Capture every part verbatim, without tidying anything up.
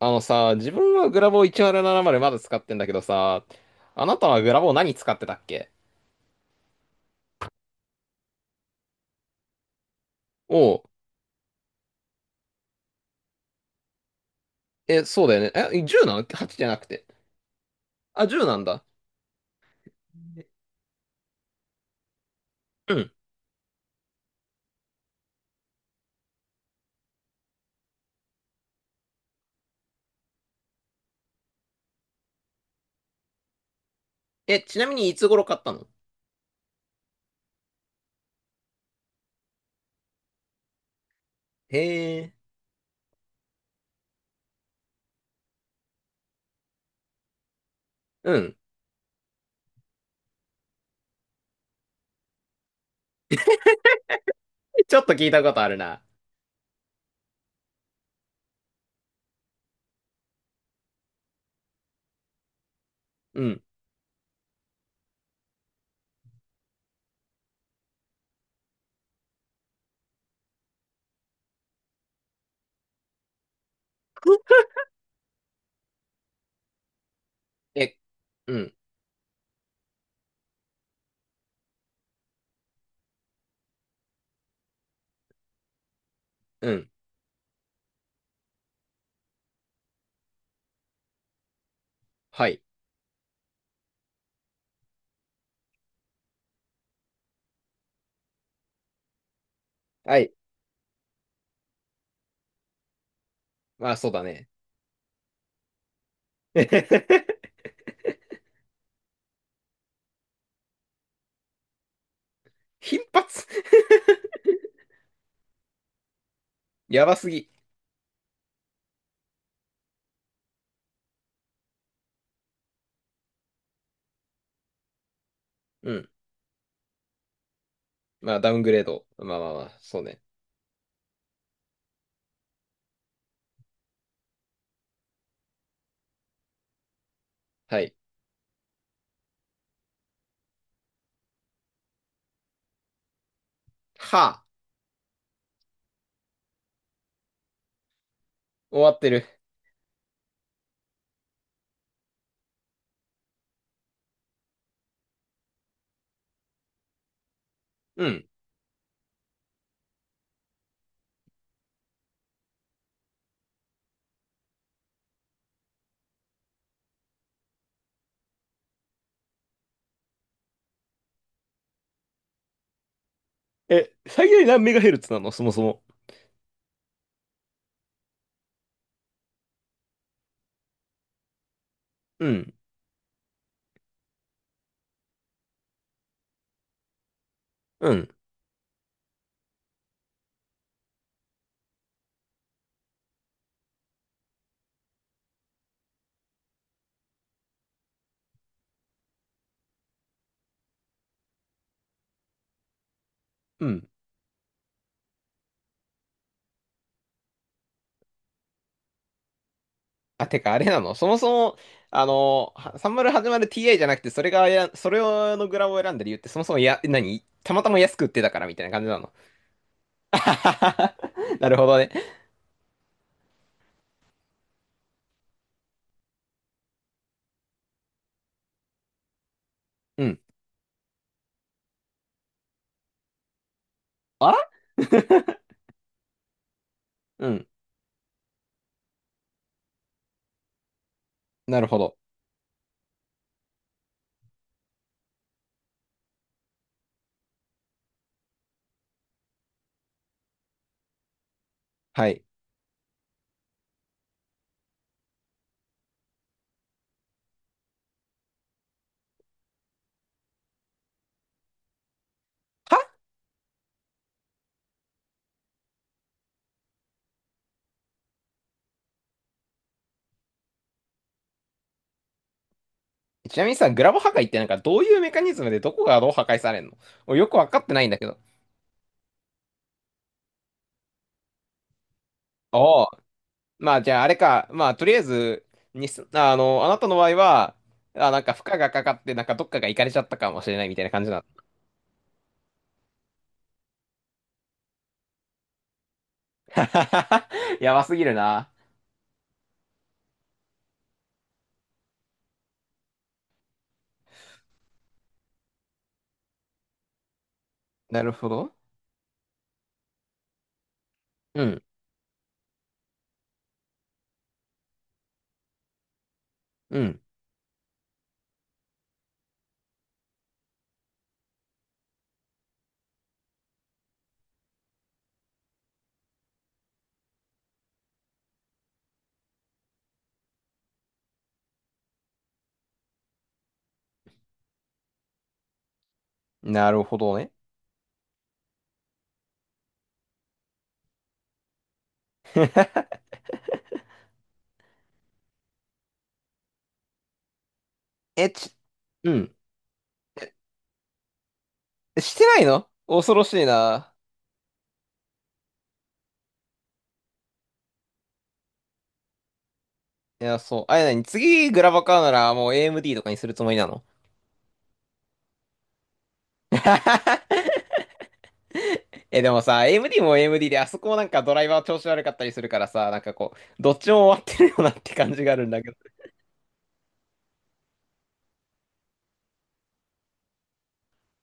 あのさ、自分はグラボーいちまるななまるまるななまるまだ使ってんだけどさ、あなたはグラボー何使ってたっけ？おう。え、そうだよね。え、じゅうなの？ はち じゃなくて。あ、じゅうなんだ。うん。え、ちなみにいつ頃買ったの？へえ。うん。ちょっと聞いたことあるな。うん。え、うん、うん。はい。はい。まあ、そうだね。頻発。 やばすぎ。うん。まあ、ダウングレード。まあまあまあ、そうね。はい。はあ。終わってる。うん。え、最大何メガヘルツなのそもそも？うん、うん、うん。あ、てか、あれなのそもそも、あの、はさんじゅう始まる ティーアイ じゃなくて、それがや、それのグラボを選んだ理由って、そもそもや、何たまたま安く売ってたからみたいな感じなの。あはははなるほどね。うん。あうん。なるほど。はい。はちなみにさ、グラボ破壊ってなんかどういうメカニズムでどこがどう破壊されんの？俺よくわかってないんだけど。おあ。まあ、じゃああれか。まあ、とりあえず、にす、ああの、あなたの場合は、あ、なんか負荷がかかって、なんかどっかが行かれちゃったかもしれないみたいな感じなの。やばすぎるな。なるほど。うん。うん。なるほどね。え、ち、うん。してないの恐ろしいな。いや、そう。あれ何次グラバ買うならもう エーエムディー とかにするつもりなの？ え、でもさ、エーエムディー も エーエムディー で、あそこもなんかドライバー調子悪かったりするからさ、なんかこう、どっちも終わってるよなって感じがあるんだけど。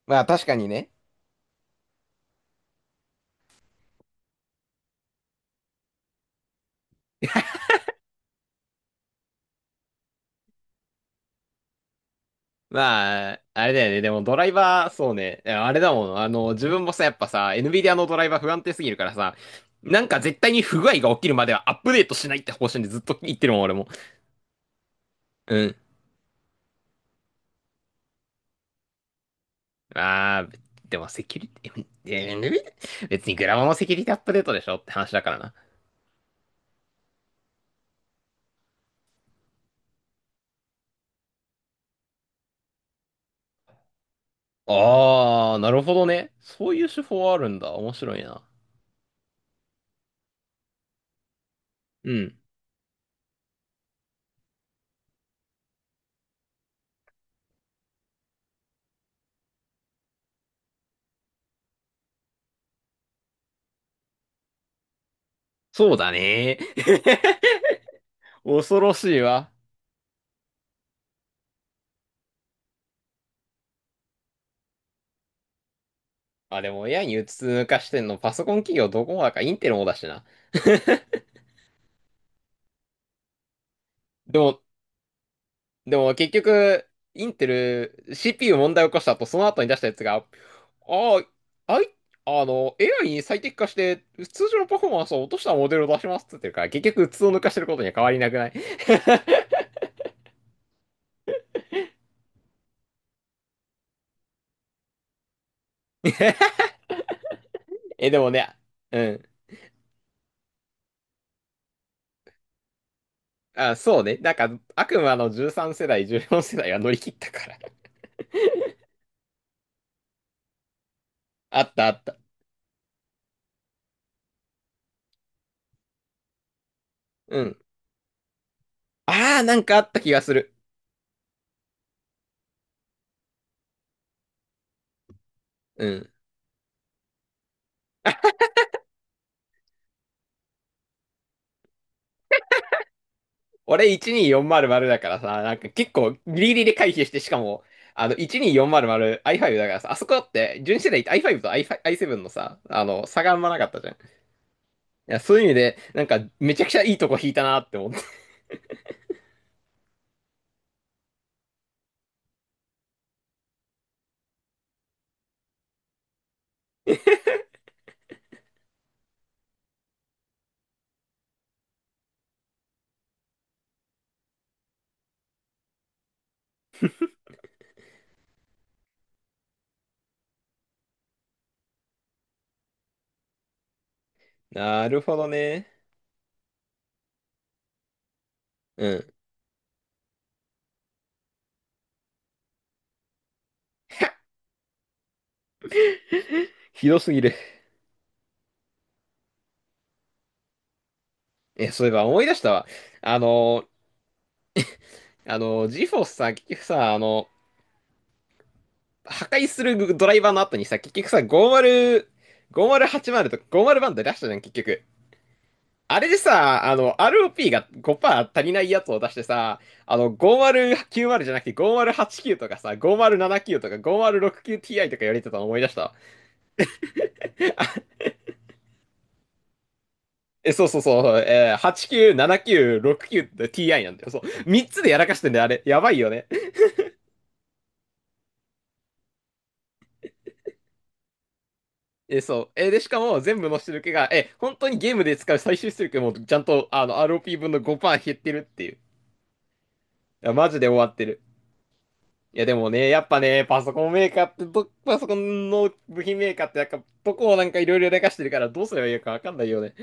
まあ確かにね。まあ、あれだよね。でもドライバー、そうね。いやあれだもん。あの、自分もさ、やっぱさ、NVIDIA のドライバー不安定すぎるからさ、なんか絶対に不具合が起きるまではアップデートしないって方針でずっと言ってるもん、俺も。うん。ああ、でもセキュリティ、エヌビディア別にグラボのセキュリティアップデートでしょって話だからな。ああ、なるほどね。そういう手法あるんだ。面白いな。うん。そうだね。恐ろしいわ。あ、でも エーアイ にうつ抜かしてんの、パソコン企業どこもだからインテルもだしな。でも、でも結局、インテル、シーピーユー 問題を起こした後、その後に出したやつが、ああ、あい、あの、エーアイ に最適化して、通常のパフォーマンスを落としたモデルを出しますって言ってるから、結局、うつを抜かしてることには変わりなくない？ え、でもね、うん。あ、そうね。なんか、悪魔のじゅうさん世代、じゅうよん世代は乗り切ったから。あったあった。うん。ああ、なんかあった気がする。うん。俺いちにーよんまるまるだからさ、なんか結構ギリギリで回避して、しかも、あの、いちにーよんまるまる、アイファイブ だからさ、あそこだって純正で アイファイブ と i セブンのさ、あの、差があんまなかったじゃん。いや、そういう意味で、なんか、めちゃくちゃいいとこ引いたなって思った。なるほどね。うん。ひどすぎる。え、そういえば思い出したわ。あの、あの、ジフォ r さ、結局さ、あの、破壊するドライバーの後にさ、結局さ、ごじゅう、ごまるはちまるとかごじゅうバンド出したじゃん、結局。あれでさ、あの、アールオーピー がごパーセント足りないやつを出してさ、あの、ごまるきゅうまるじゃなくてごまるはちきゅうとかさ、ごまるななきゅうとか ごまるろくきゅうティーアイ とかやれてたの思い出した。え、そうそうそう、えー、はちきゅう、ななきゅう、ろくきゅうって Ti なんだよ。そう。みっつでやらかしてんだよ、あれ。やばいよね。え、そう。え、で、しかも全部の出力が、え、本当にゲームで使う最終出力もちゃんと、あの、アールオーピー 分のごパーセント減ってるっていう。いやマジで終わってる。いやでもね、やっぱね、パソコンメーカーってど、パソコンの部品メーカーってなんか、どこをなんかいろいろ流してるからどうすればいいかわかんないよね。